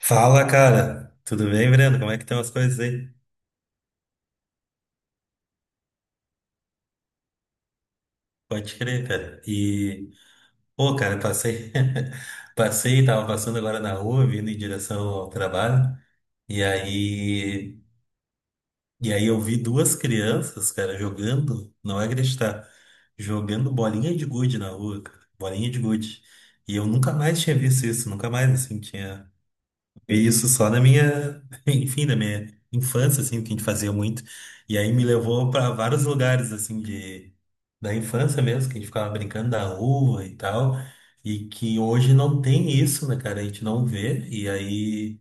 Fala, cara. Tudo bem, Breno? Como é que estão as coisas aí? Pode crer, cara. E, pô, cara, tava passando agora na rua, vindo em direção ao trabalho. E aí, e aí eu vi duas crianças, cara, jogando, não é acreditar, jogando bolinha de gude na rua, cara, bolinha de gude. E eu nunca mais tinha visto isso, nunca mais, assim, tinha isso só na minha, enfim, na minha infância, assim, que a gente fazia muito. E aí me levou para vários lugares, assim, da infância mesmo, que a gente ficava brincando na rua e tal. E que hoje não tem isso, né, cara? A gente não vê. E aí,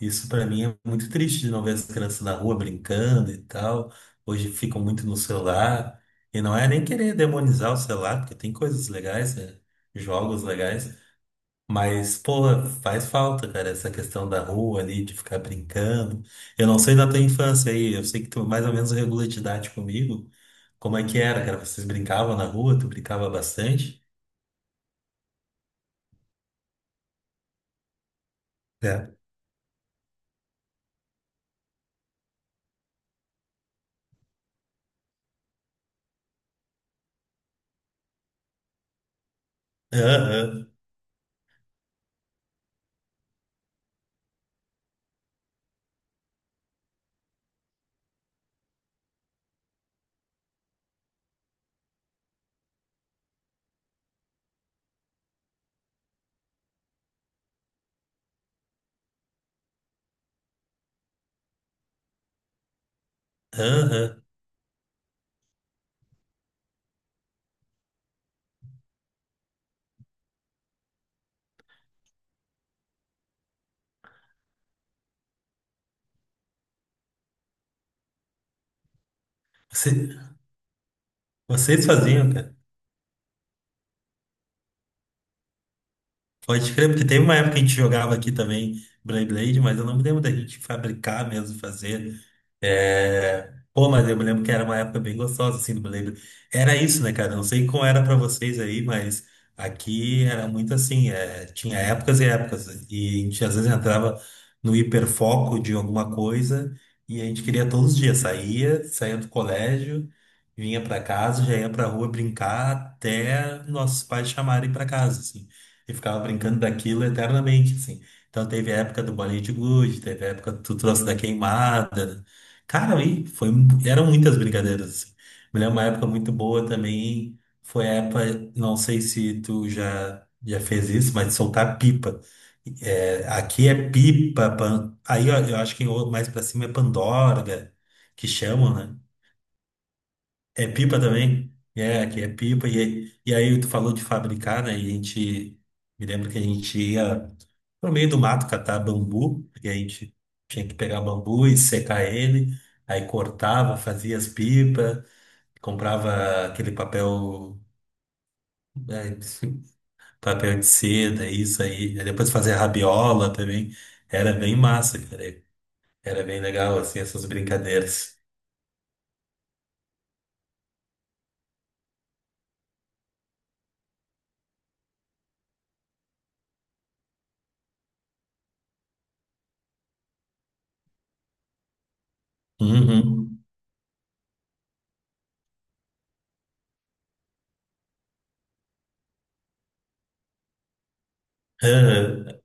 isso para mim é muito triste de não ver as crianças na rua brincando e tal. Hoje ficam muito no celular. E não é nem querer demonizar o celular, porque tem coisas legais, né? Jogos legais. Mas, porra, faz falta, cara, essa questão da rua ali, de ficar brincando. Eu não sei da tua infância aí, eu sei que tu mais ou menos regula de idade comigo. Como é que era, cara? Vocês brincavam na rua, tu brincava bastante, né? Aham, aham. Você- Vocês faziam, cara. Pode crer, porque teve uma época que a gente jogava aqui também Beyblade, mas eu não me lembro da gente fabricar mesmo, fazer. Pô, mas eu me lembro que era uma época bem gostosa, assim, do Beyblade. Era isso, né, cara? Não sei como era pra vocês aí, mas aqui era muito assim, tinha épocas e épocas, e a gente às vezes entrava no hiperfoco de alguma coisa e a gente queria todos os dias, saía do colégio, vinha pra casa, já ia pra rua brincar até nossos pais chamarem pra casa, assim. E ficava brincando daquilo eternamente, assim. Então teve a época do bolinho de gude, teve a época que tu trouxe da queimada. Cara, eram muitas brincadeiras, assim. Me lembro uma época muito boa também, foi a época, não sei se tu já fez isso, mas de soltar pipa. É, aqui é pipa, aí ó, eu acho que mais pra cima é pandorga, que chamam, né? É pipa também? É, aqui é pipa. E aí tu falou de fabricar, né? E a gente. Me lembro que a gente ia no meio do mato catar bambu. E a gente tinha que pegar bambu e secar ele. Aí cortava, fazia as pipas. Comprava aquele papel. Né, papel de seda, isso aí. Aí depois fazia rabiola também. Era bem massa, cara. Era bem legal, assim, essas brincadeiras. Uhum. Aham.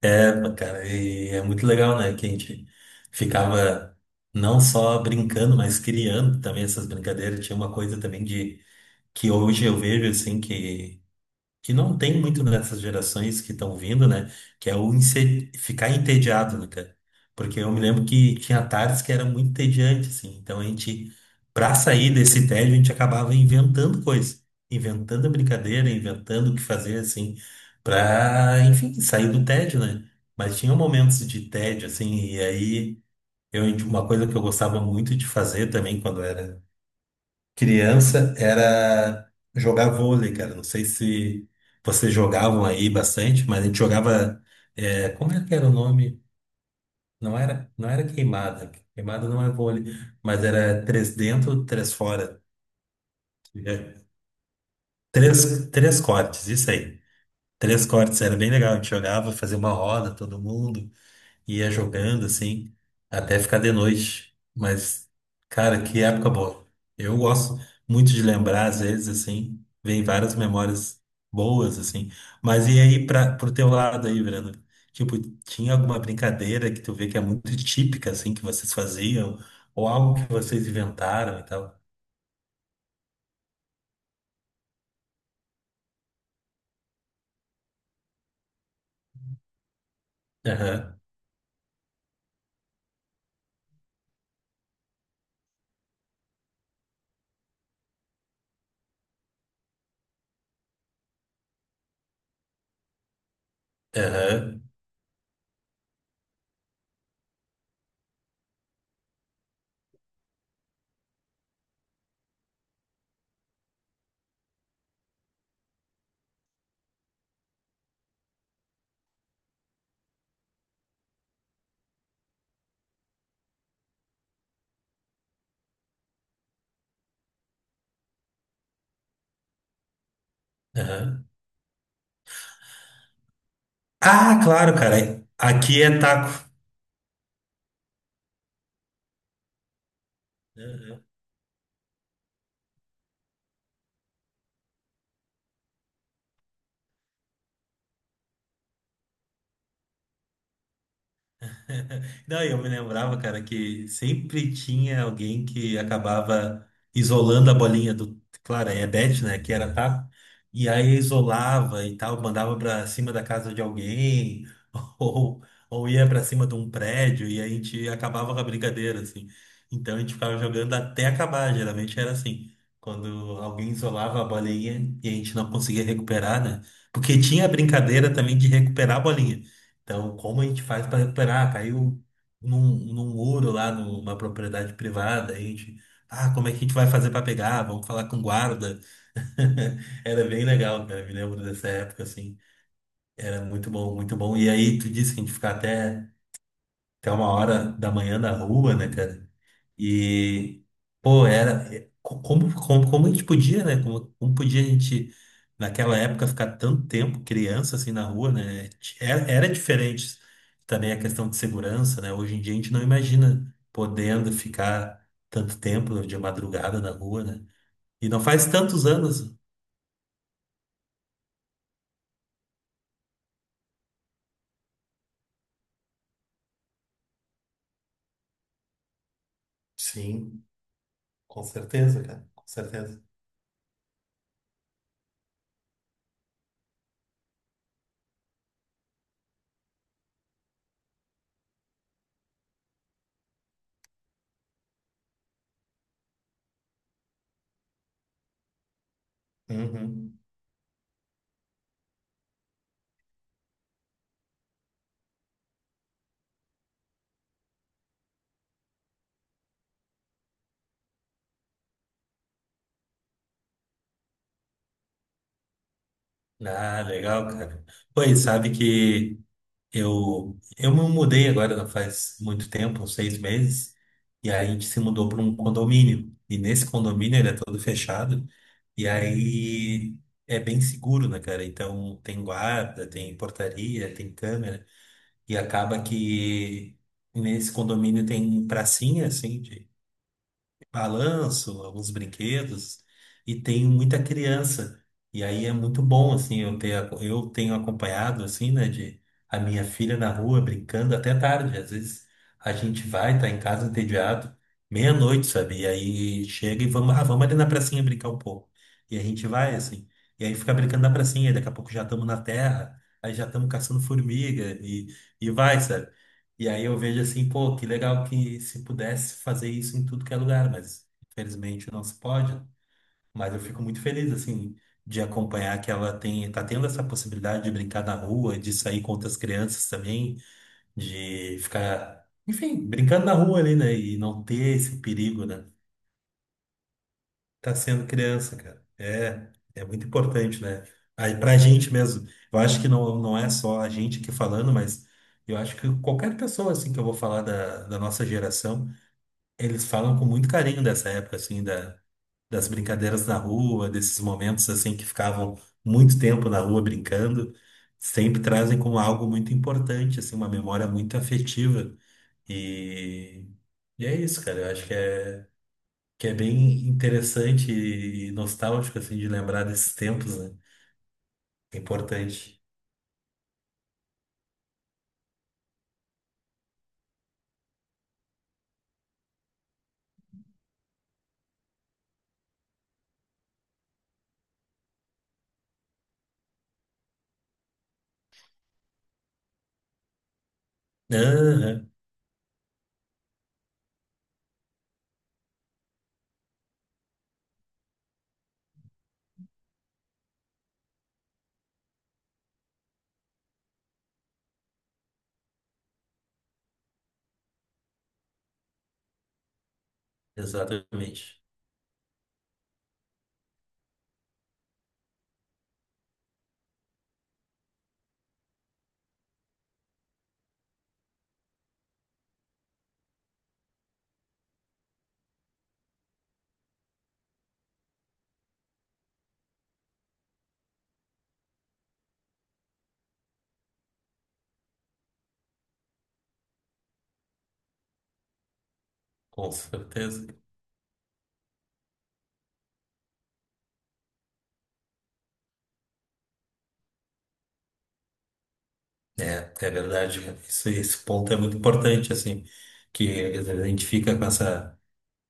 É, pô, cara, e é muito legal, né? Que a gente ficava não só brincando, mas criando também essas brincadeiras. Tinha uma coisa também de que hoje eu vejo assim que não tem muito nessas gerações que estão vindo, né? Que é o ficar entediado, né, cara? Porque eu me lembro que tinha tardes que era muito entediante, assim. Então a gente, pra sair desse tédio, a gente acabava inventando coisa, inventando brincadeira, inventando o que fazer, assim, pra, enfim, sair do tédio, né? Mas tinha momentos de tédio, assim, e aí uma coisa que eu gostava muito de fazer também quando era criança era jogar vôlei, cara. Não sei se vocês jogavam aí bastante, mas a gente jogava. Como é que era o nome? não era, queimada. Queimada não é vôlei, mas era três dentro, três fora. É, três cortes, isso aí. Três cortes, era bem legal. A gente jogava, fazia uma roda, todo mundo. Ia jogando assim, até ficar de noite. Mas, cara, que época boa. Eu gosto muito de lembrar, às vezes, assim, vem várias memórias boas, assim. Mas e aí, pro teu lado aí, Breno? Tipo, tinha alguma brincadeira que tu vê que é muito típica, assim, que vocês faziam? Ou algo que vocês inventaram e tal? Aham, aham, aham. Ah, claro, cara. Aqui é taco. Não, eu me lembrava, cara, que sempre tinha alguém que acabava isolando a bolinha do. Claro, aí é bet, né? Que era tá. E aí isolava e tal, mandava pra cima da casa de alguém, ou, ou ia pra cima de um prédio, e aí a gente acabava com a brincadeira, assim. Então a gente ficava jogando até acabar, geralmente era assim. Quando alguém isolava a bolinha e a gente não conseguia recuperar, né? Porque tinha a brincadeira também de recuperar a bolinha. Então, como a gente faz para recuperar? Caiu num, num muro lá numa propriedade privada, a gente, ah, como é que a gente vai fazer para pegar? Vamos falar com guarda. Era bem legal, cara, me lembro dessa época assim. Era muito bom, muito bom. E aí tu disse que a gente ficava até 1 hora da manhã na rua, né, cara? E, pô, era. Como a gente podia, né? Como podia a gente, naquela época, ficar tanto tempo criança assim na rua, né? Era diferente também a questão de segurança, né? Hoje em dia a gente não imagina podendo ficar tanto tempo de madrugada na rua, né? E não faz tantos anos. Sim, com certeza, cara, com certeza. Uhum. Ah, legal, cara. Pois sabe que. Eu me mudei agora, não faz muito tempo, uns 6 meses, e aí a gente se mudou para um condomínio. E nesse condomínio ele é todo fechado, e aí é bem seguro, né, cara? Então tem guarda, tem portaria, tem câmera, e acaba que nesse condomínio tem pracinha, assim, de balanço, alguns brinquedos, e tem muita criança. E aí é muito bom, assim, eu tenho acompanhado, assim, né, de a minha filha na rua brincando até tarde. Às vezes a gente vai, tá em casa entediado, meia-noite, sabe? E aí chega e vamos ali na pracinha brincar um pouco. E a gente vai, assim, e aí fica brincando na pracinha, daqui a pouco já estamos na terra, aí já estamos caçando formiga, e, vai, sabe? E aí eu vejo assim, pô, que legal que se pudesse fazer isso em tudo que é lugar, mas infelizmente não se pode. Mas eu fico muito feliz, assim, de acompanhar que ela tá tendo essa possibilidade de brincar na rua, de sair com outras crianças também, de ficar, enfim, brincando na rua ali, né? E não ter esse perigo, né? Tá sendo criança, cara. É muito importante, né? Aí pra gente mesmo. Eu acho que não, não é só a gente aqui falando, mas eu acho que qualquer pessoa, assim, que eu vou falar da nossa geração, eles falam com muito carinho dessa época, assim, das brincadeiras na rua, desses momentos, assim, que ficavam muito tempo na rua brincando. Sempre trazem como algo muito importante, assim, uma memória muito afetiva. E, e é isso, cara. Eu acho que é bem interessante e nostálgico, assim, de lembrar desses tempos, né? É importante. Aham, exatamente. Com certeza. É verdade. Esse ponto é muito importante, assim, que às vezes a gente fica com essa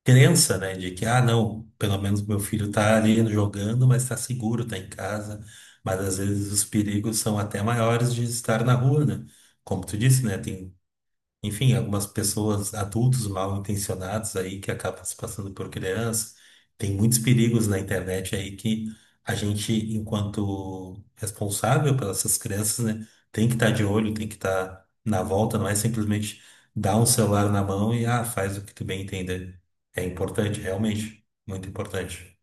crença, né, de que, ah, não, pelo menos meu filho tá ali jogando, mas tá seguro, tá em casa. Mas às vezes os perigos são até maiores de estar na rua, né? Como tu disse, né? Tem enfim, algumas pessoas, adultos mal intencionados aí que acabam se passando por criança. Tem muitos perigos na internet aí que a gente, enquanto responsável pelas essas crianças, né, tem que estar de olho, tem que estar na volta, não é simplesmente dar um celular na mão e ah, faz o que tu bem entender. É importante, realmente, muito importante.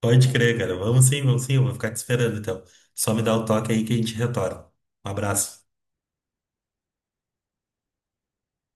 Pode crer, cara. Vamos sim, eu vou ficar te esperando então. Só me dá o toque aí que a gente retorna. Um abraço.